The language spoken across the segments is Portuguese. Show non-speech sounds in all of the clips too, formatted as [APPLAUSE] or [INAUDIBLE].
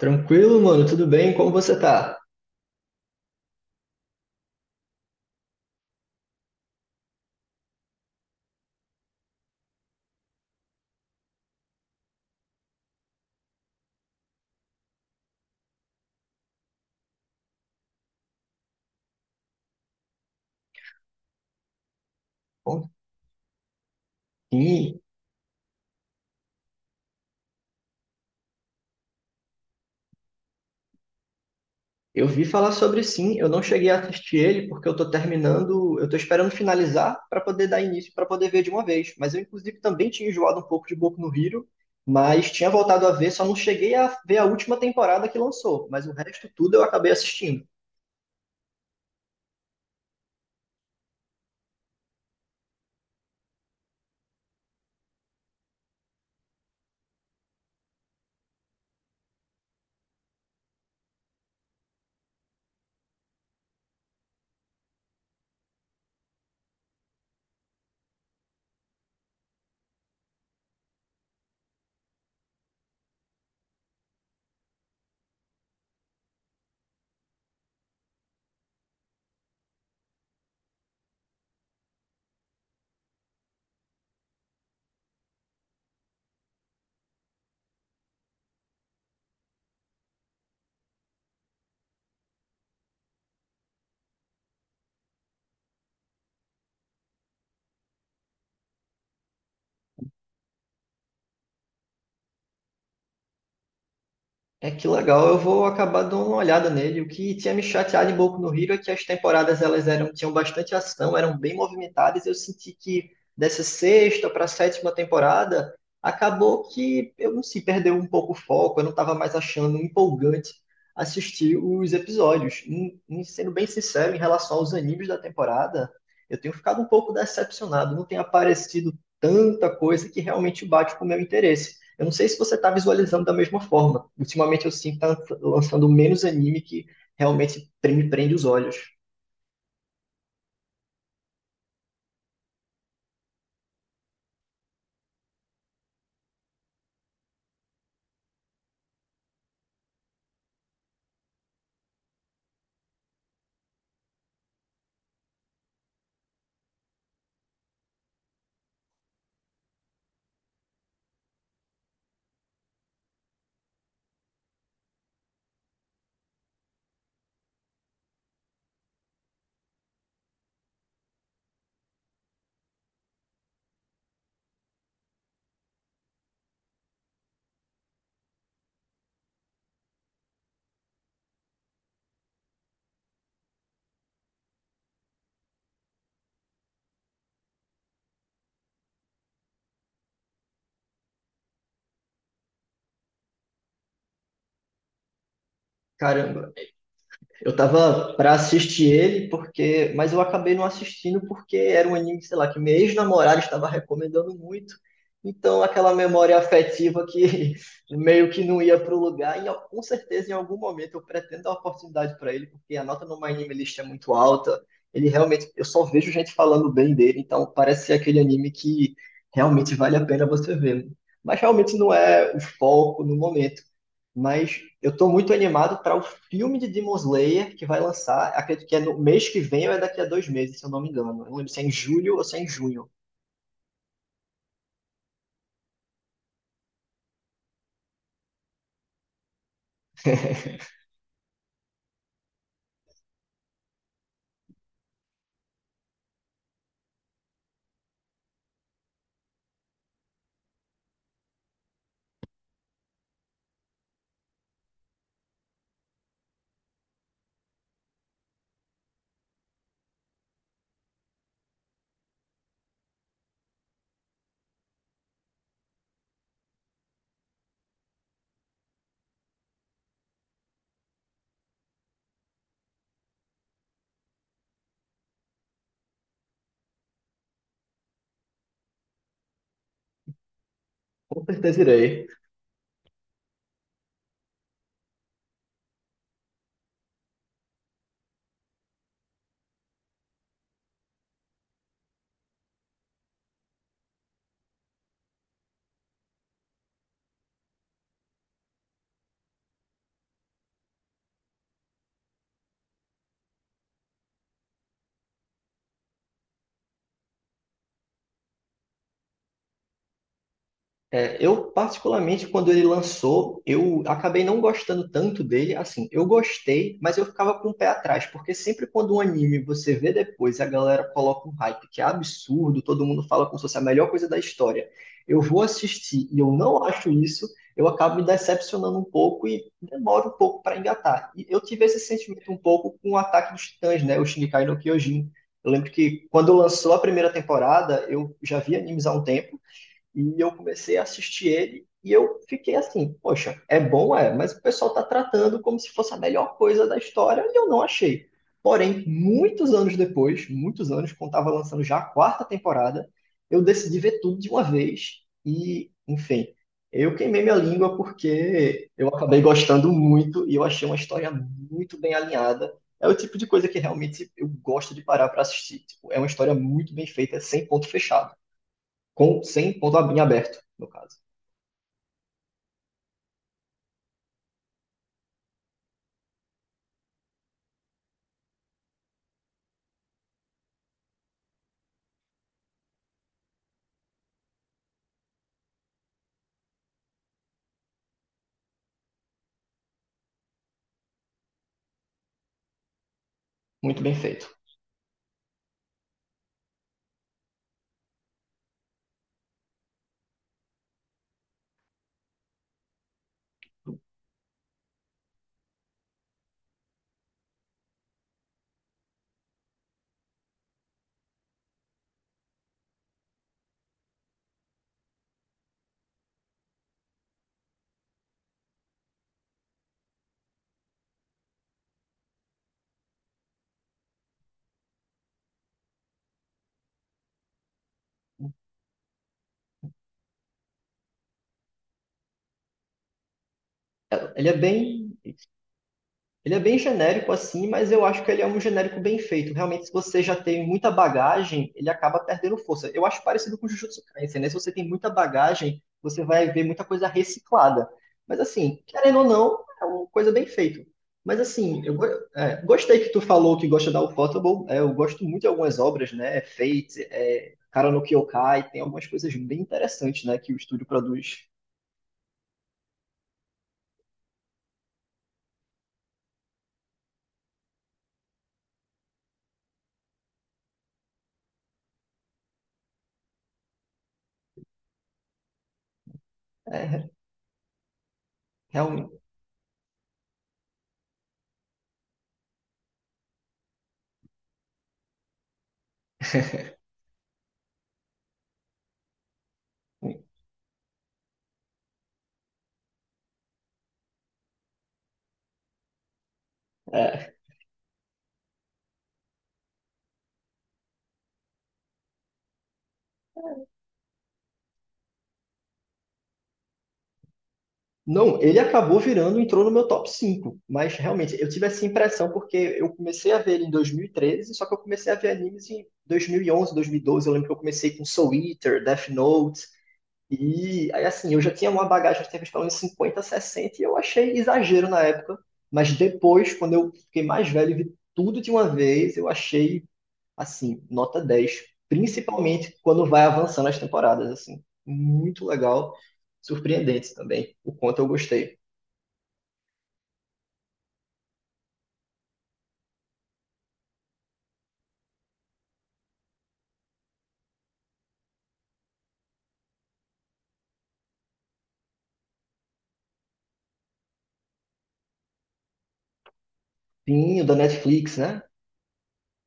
Tranquilo, mano, tudo bem? Como você tá? Bom, sim, eu vi falar sobre sim, eu não cheguei a assistir ele porque eu tô terminando, eu tô esperando finalizar pra poder dar início, pra poder ver de uma vez. Mas eu, inclusive, também tinha enjoado um pouco de Boku no Hero, mas tinha voltado a ver, só não cheguei a ver a última temporada que lançou, mas o resto tudo eu acabei assistindo. É que legal, eu vou acabar dando uma olhada nele. O que tinha me chateado um pouco no Hero é que as temporadas elas eram, tinham bastante ação, eram bem movimentadas. Eu senti que dessa sexta para a sétima temporada acabou que eu não sei, perdeu um pouco o foco. Eu não estava mais achando empolgante assistir os episódios. E sendo bem sincero, em relação aos animes da temporada, eu tenho ficado um pouco decepcionado. Não tem aparecido tanta coisa que realmente bate com o meu interesse. Eu não sei se você está visualizando da mesma forma. Ultimamente eu sinto que tá lançando menos anime que realmente me prende os olhos. Caramba, eu tava pra assistir ele porque, mas eu acabei não assistindo porque era um anime, sei lá, que minha ex-namorada estava recomendando muito. Então aquela memória afetiva que [LAUGHS] meio que não ia pro lugar e ó, com certeza em algum momento eu pretendo dar uma oportunidade para ele porque a nota no My Anime List é muito alta. Ele realmente, eu só vejo gente falando bem dele, então parece ser aquele anime que realmente vale a pena você ver. Mas realmente não é o foco no momento. Mas eu tô muito animado para o filme de Demon Slayer que vai lançar, acredito que é no mês que vem ou é daqui a 2 meses, se eu não me engano. Eu não lembro se é em julho ou se é em junho. [LAUGHS] Com certeza irei. É, eu, particularmente, quando ele lançou, eu acabei não gostando tanto dele. Assim, eu gostei, mas eu ficava com o pé atrás, porque sempre quando um anime você vê depois, a galera coloca um hype que é absurdo, todo mundo fala como se fosse a melhor coisa da história. Eu vou assistir e eu não acho isso, eu acabo me decepcionando um pouco e demoro um pouco para engatar. E eu tive esse sentimento um pouco com o Ataque dos Titãs, né? O Shingeki no Kyojin. Eu lembro que quando lançou a primeira temporada, eu já vi animes há um tempo. E eu comecei a assistir ele e eu fiquei assim, poxa, é bom, é, mas o pessoal tá tratando como se fosse a melhor coisa da história e eu não achei. Porém, muitos anos depois, muitos anos, quando estava lançando já a quarta temporada, eu decidi ver tudo de uma vez e, enfim, eu queimei minha língua porque eu acabei gostando muito e eu achei uma história muito bem alinhada. É o tipo de coisa que realmente eu gosto de parar para assistir. Tipo, é uma história muito bem feita, sem ponto fechado com sem ponto aberto, no caso. Muito bem feito. Ele é bem, ele é bem genérico assim, mas eu acho que ele é um genérico bem feito. Realmente, se você já tem muita bagagem, ele acaba perdendo força. Eu acho parecido com o Jujutsu Kaisen, né? Se você tem muita bagagem, você vai ver muita coisa reciclada. Mas assim, querendo ou não, é uma coisa bem feita. Mas assim, gostei que tu falou que gosta da Ufotable. É, eu gosto muito de algumas obras, né? É Fate, é, Cara no Kyokai, tem algumas coisas bem interessantes, né? Que o estúdio produz. É, realmente. é. Não, ele acabou virando, entrou no meu top 5. Mas realmente eu tive essa impressão porque eu comecei a ver ele em 2013. Só que eu comecei a ver animes em dois mil e onze, 2012. Eu lembro que eu comecei com Soul Eater, Death Note, e aí assim, eu já tinha uma bagagem de TV pelo menos 50, 60 e eu achei exagero na época, mas depois, quando eu fiquei mais velho e vi tudo de uma vez, eu achei assim, nota 10, principalmente quando vai avançando as temporadas, assim. Muito legal, surpreendente também, o quanto eu gostei. Pinho da Netflix, né?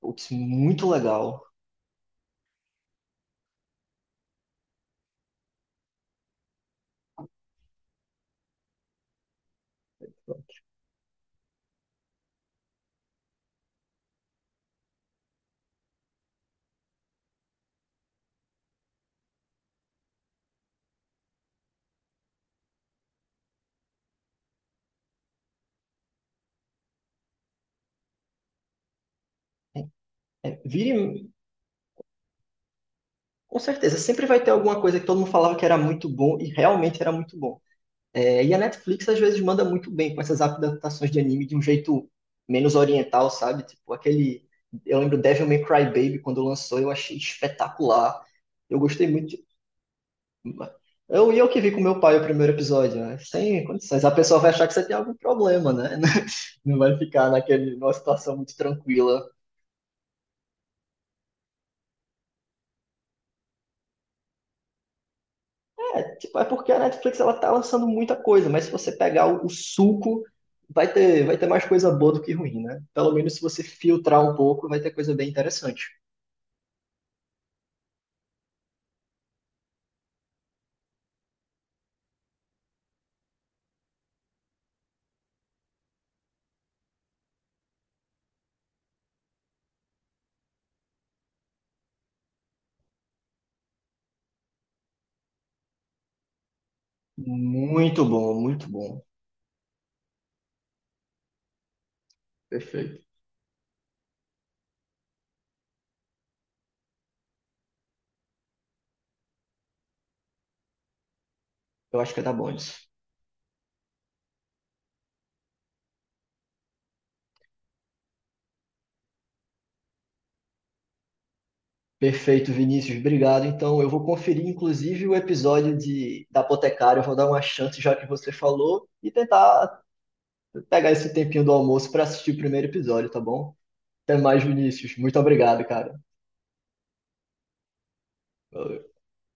Putz, muito legal. É, vire, com certeza, sempre vai ter alguma coisa que todo mundo falava que era muito bom e realmente era muito bom. É, e a Netflix às vezes manda muito bem com essas adaptações de anime de um jeito menos oriental, sabe? Tipo aquele, eu lembro Devil May Cry Baby quando lançou, eu achei espetacular. Eu gostei muito. Eu que vi com meu pai o primeiro episódio, né? Sem condições. A pessoa vai achar que você tem algum problema, né? [LAUGHS] Não vai ficar naquele, numa situação muito tranquila. É, tipo, é porque a Netflix ela tá lançando muita coisa, mas se você pegar o suco, vai ter mais coisa boa do que ruim, né? Pelo menos se você filtrar um pouco, vai ter coisa bem interessante. Muito bom, muito bom. Perfeito. Eu acho que é da Bones. Perfeito, Vinícius, obrigado. Então, eu vou conferir, inclusive, o episódio de, da Apotecária, eu vou dar uma chance, já que você falou, e tentar pegar esse tempinho do almoço para assistir o primeiro episódio, tá bom? Até mais, Vinícius. Muito obrigado, cara.